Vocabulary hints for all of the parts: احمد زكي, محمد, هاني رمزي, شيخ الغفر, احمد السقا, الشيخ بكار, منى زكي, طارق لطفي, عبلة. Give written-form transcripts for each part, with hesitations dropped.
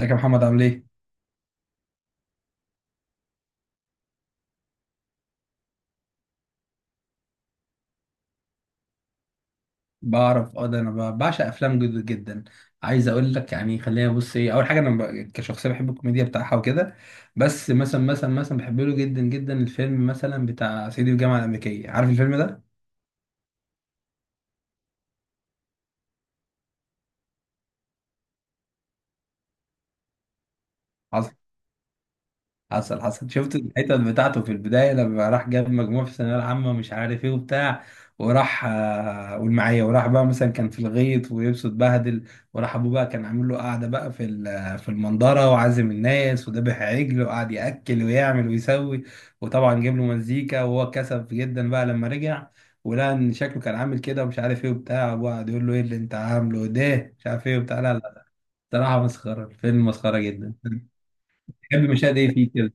ازيك يا محمد عامل ايه؟ بعرف ده انا بعشق افلام جدا جدا. عايز اقول لك يعني، خلينا بص، ايه اول حاجه؟ انا كشخصيه بحب الكوميديا بتاعها وكده. بس مثلا بحب له جدا جدا الفيلم مثلا بتاع صعيدي في الجامعه الامريكيه، عارف الفيلم ده؟ حصل شفت الحتت بتاعته في البداية لما راح جاب مجموع في الثانوية العامة مش عارف ايه وبتاع. وراح قول معايا، وراح بقى مثلا كان في الغيط ولبسه اتبهدل. وراح ابوه بقى كان عامل له قعدة بقى في في المنظرة، وعازم الناس وذبح عجل وقعد يأكل ويعمل ويسوي. وطبعا جاب له مزيكا، وهو كسف جدا بقى لما رجع، ولقى ان شكله كان عامل كده ومش عارف ايه وبتاع. ابوه قعد يقول له ايه اللي انت عامله ده، مش عارف ايه وبتاع. لا لا. صراحة مسخرة، الفيلم مسخرة جدا. تحب مشاهد ايه فيه كده؟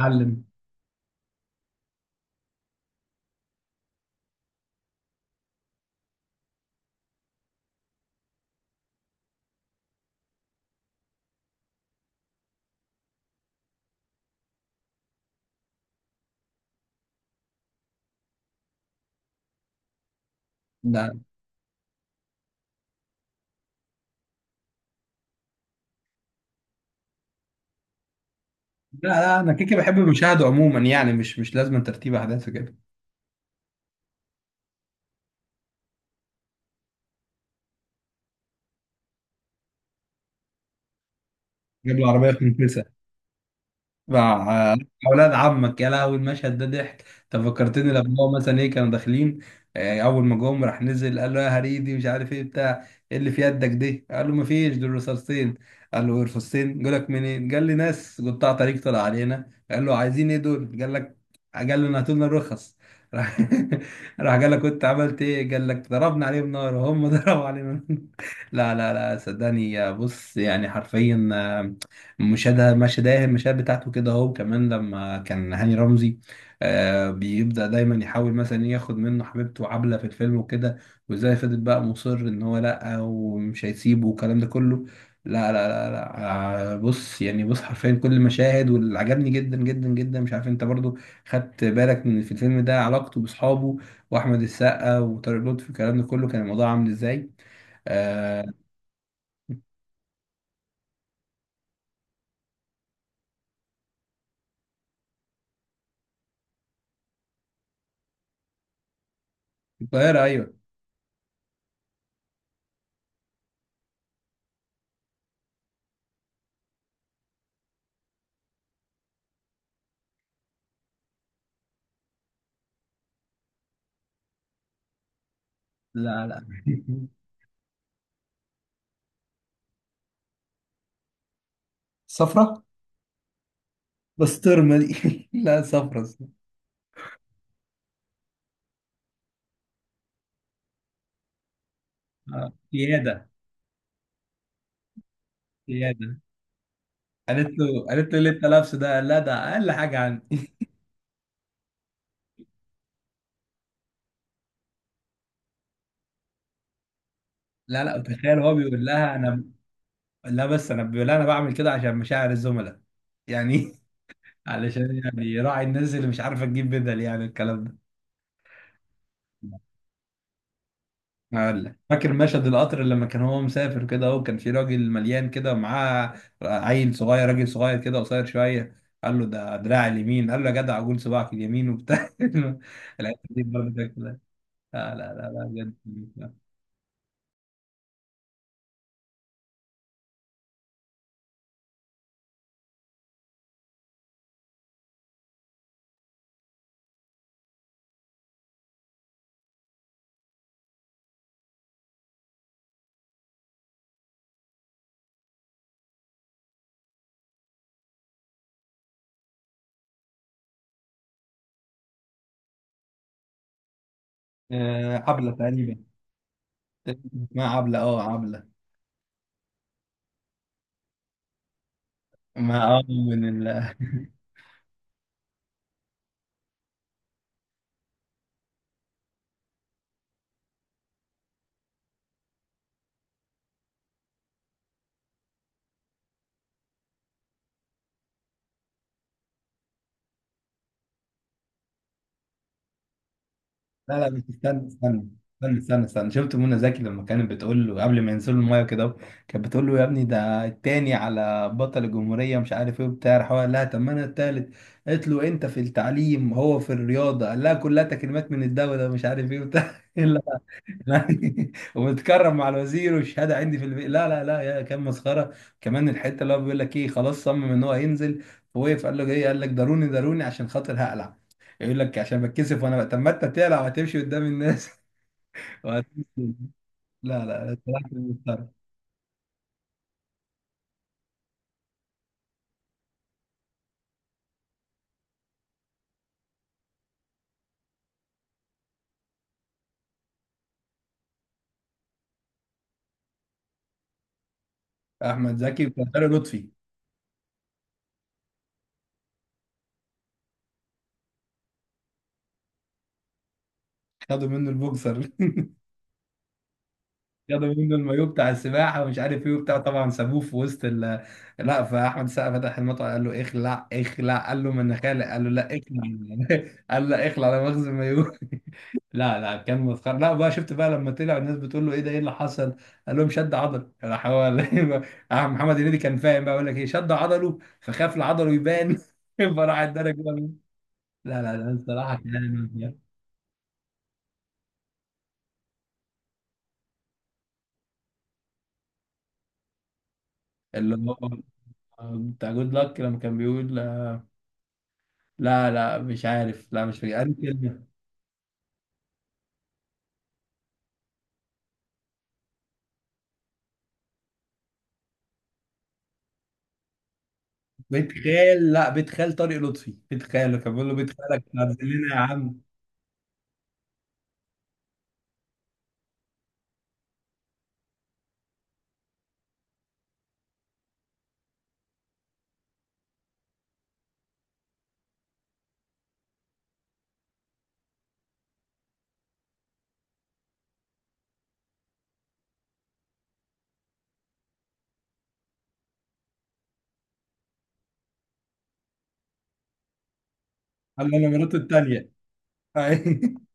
علم. لا لا لا، انا كيكي بحب المشاهده عموما يعني، مش لازم ترتيب احداث وكده. جاب العربيه في... مع اولاد عمك، يا لهوي المشهد ده ضحك. انت فكرتني لما هو مثلا ايه كانوا داخلين. اول ما جم راح نزل قال له يا هريدي مش عارف ايه بتاع، ايه اللي في يدك دي؟ قال له ما فيش، دول رصاصتين. قال له رصاصتين جالك منين؟ قال لي ناس قطاع طريق طلع علينا. قال له عايزين ايه دول؟ قال لك قال لنا هاتوا لنا الرخص. راح راح قال لك كنت عملت ايه؟ قال لك ضربنا عليهم نار، وهم ضربوا علينا نار. لا لا لا، صدقني يا بص يعني حرفيا، مشاهدة المشاهد بتاعته كده اهو. كمان لما كان هاني رمزي بيبدأ دايما يحاول مثلا ياخد منه حبيبته عبلة في الفيلم وكده، وازاي فضل بقى مصر ان هو لا ومش هيسيبه والكلام ده كله. لا لا لا لا، بص يعني، بص حرفيا كل المشاهد. واللي عجبني جدا جدا جدا، مش عارف انت برضو خدت بالك، من في الفيلم ده علاقته باصحابه واحمد السقا وطارق لطفي والكلام ده كله كان الموضوع عامل ازاي؟ آه. القاهرة، ايوه. لا لا. صفرة. بسطرمة دي. لا، صفرا صفرا. سياده. سياده. قالت له ليه انت لابسه ده؟ قال لها ده اقل حاجه عندي. لا لا، وتخيل هو بيقول لها انا... لا، بس انا بيقول لها انا بعمل كده عشان مشاعر الزملاء يعني. علشان يعني يراعي الناس اللي مش عارفه تجيب بدل يعني الكلام ده. هقول لك، فاكر مشهد القطر لما كان هو مسافر كده اهو؟ كان في راجل مليان كده، ومعاه عيل صغير، راجل صغير كده قصير شويه، قال له ده دراع اليمين. قال له يا جدع عجول، صباعك اليمين وبتاع. الحته دي برضه كانت... لا لا لا لا بجد لا. عبلة تقريبا. اسمها عبلة، اه، عبلة. ما من ال... لا لا، بس استنى استنى استنى استنى استنى، شفت منى زكي لما كانت بتقول له قبل ما ينزلوا المايه كده؟ كانت بتقول له يا ابني ده التاني على بطل الجمهورية مش عارف ايه وبتاع. راح هو قال لها طب ما انا التالت. قالت له انت في التعليم، هو في الرياضة. قال لها كلها تكريمات من الدولة مش عارف ايه وبتاع. وبتكرم مع الوزير والشهاده عندي في البيت. لا لا لا، يا كان مسخره. كمان الحته اللي هو بيقول لك ايه، خلاص صمم ان هو هينزل، ووقف قال له ايه؟ قال لك ضروني ضروني عشان خاطر هقلع. يقول لك عشان بتكسف، وانا طب ما انت تقلع وهتمشي قدام الناس. وهتمشي. لا لا لا، الصراحة كان مسخرة. احمد زكي، وكان طارق لطفي. خدوا منه البوكسر. خدوا منه المايوه بتاع السباحه ومش عارف ايه وبتاع، طبعا سابوه في وسط ال... لا، فاحمد السقا فتح المطعم قال له اخلع اخلع. قال له ما انا خالق. قال له لا اخلع. قال له لا اخلع، انا مخزن مايوه. لا لا كان مسخره. لا بقى، شفت بقى لما طلع الناس بتقول له ايه ده، ايه اللي حصل؟ قال لهم شد عضل. راح هو راح محمد هنيدي كان فاهم بقى يقول لك ايه، شد عضله فخاف لعضله يبان. فراح اتدرج بقى. لا لا لا، الصراحه كان... اللي هو بتاع جود لك لما كان بيقول، لا لا مش عارف، لا مش فاكر قال كلمة. بيت خال، لا، بيت خال طارق لطفي، بيت خال كان بيقول له بيت خالك هتنزل لنا يا عم. قال له انا مراته التانية.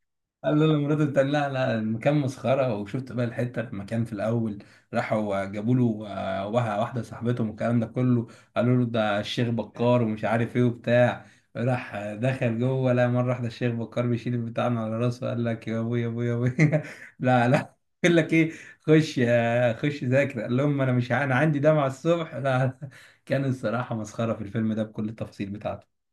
قال له لمراته بتاع، لا لا المكان مسخره. وشفت بقى الحته لما كان في الاول، راحوا جابوا له واحده صاحبتهم والكلام ده كله، قالوا له ده الشيخ بكار ومش عارف ايه وبتاع. راح دخل جوه، لا مره واحده الشيخ بكار بيشيل البتاع من على راسه قال لك يا ابويا يا ابويا يا ابويا. لا لا. يقول لك ايه، خش خش ذاكر. قال لهم انا مش ع- انا عندي دمعه الصبح. لا لا. كان الصراحه مسخره في الفيلم ده بكل التفاصيل بتاعته.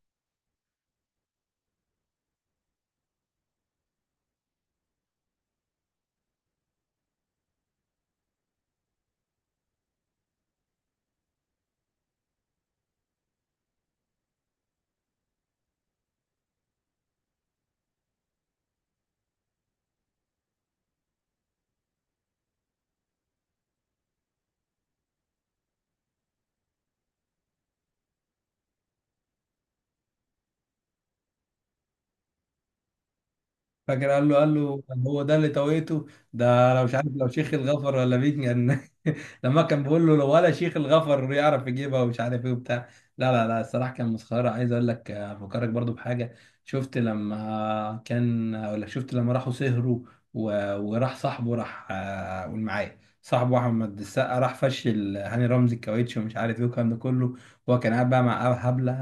فاكر قال له هو ده اللي توقيته؟ ده لو مش عارف، لو شيخ الغفر ولا مين كان. لما كان بيقول له لو ولا شيخ الغفر يعرف يجيبها، ومش عارف ايه وبتاع. لا لا لا، الصراحه كان مسخره. عايز اقول لك افكرك برضو بحاجه، شفت لما كان اقول لك شفت لما راحوا سهروا، وراح صاحبه راح قول معايا، صاحبه احمد السقا راح فشل هاني رمزي الكاوتش ومش عارف ايه والكلام ده كله. هو كان قاعد بقى مع هبله،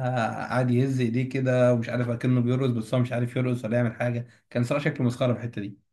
قاعد يهز ايديه كده ومش عارف اكنه بيرقص، بس هو مش عارف يرقص ولا يعمل حاجه. كان صراحه شكله مسخره في الحته دي.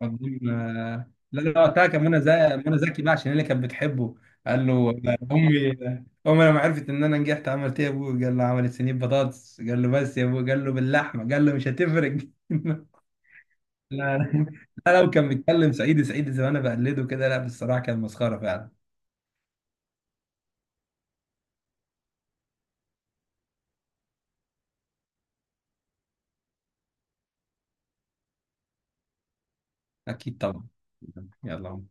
قدام لا لا وقتها كان منى زكي، منى زكي بقى عشان هي اللي كانت بتحبه. قال له امي، امي لما عرفت ان انا نجحت عملت ايه يا ابوي؟ قال له عملت صينيه بطاطس. قال له بس يا ابوي. قال له باللحمه. قال له مش هتفرق. لا لا لا، لو كان بيتكلم سعيد سعيد زي ما انا بقلده كده، لا بصراحه كان مسخره فعلا. اكيد طبعا. يلا.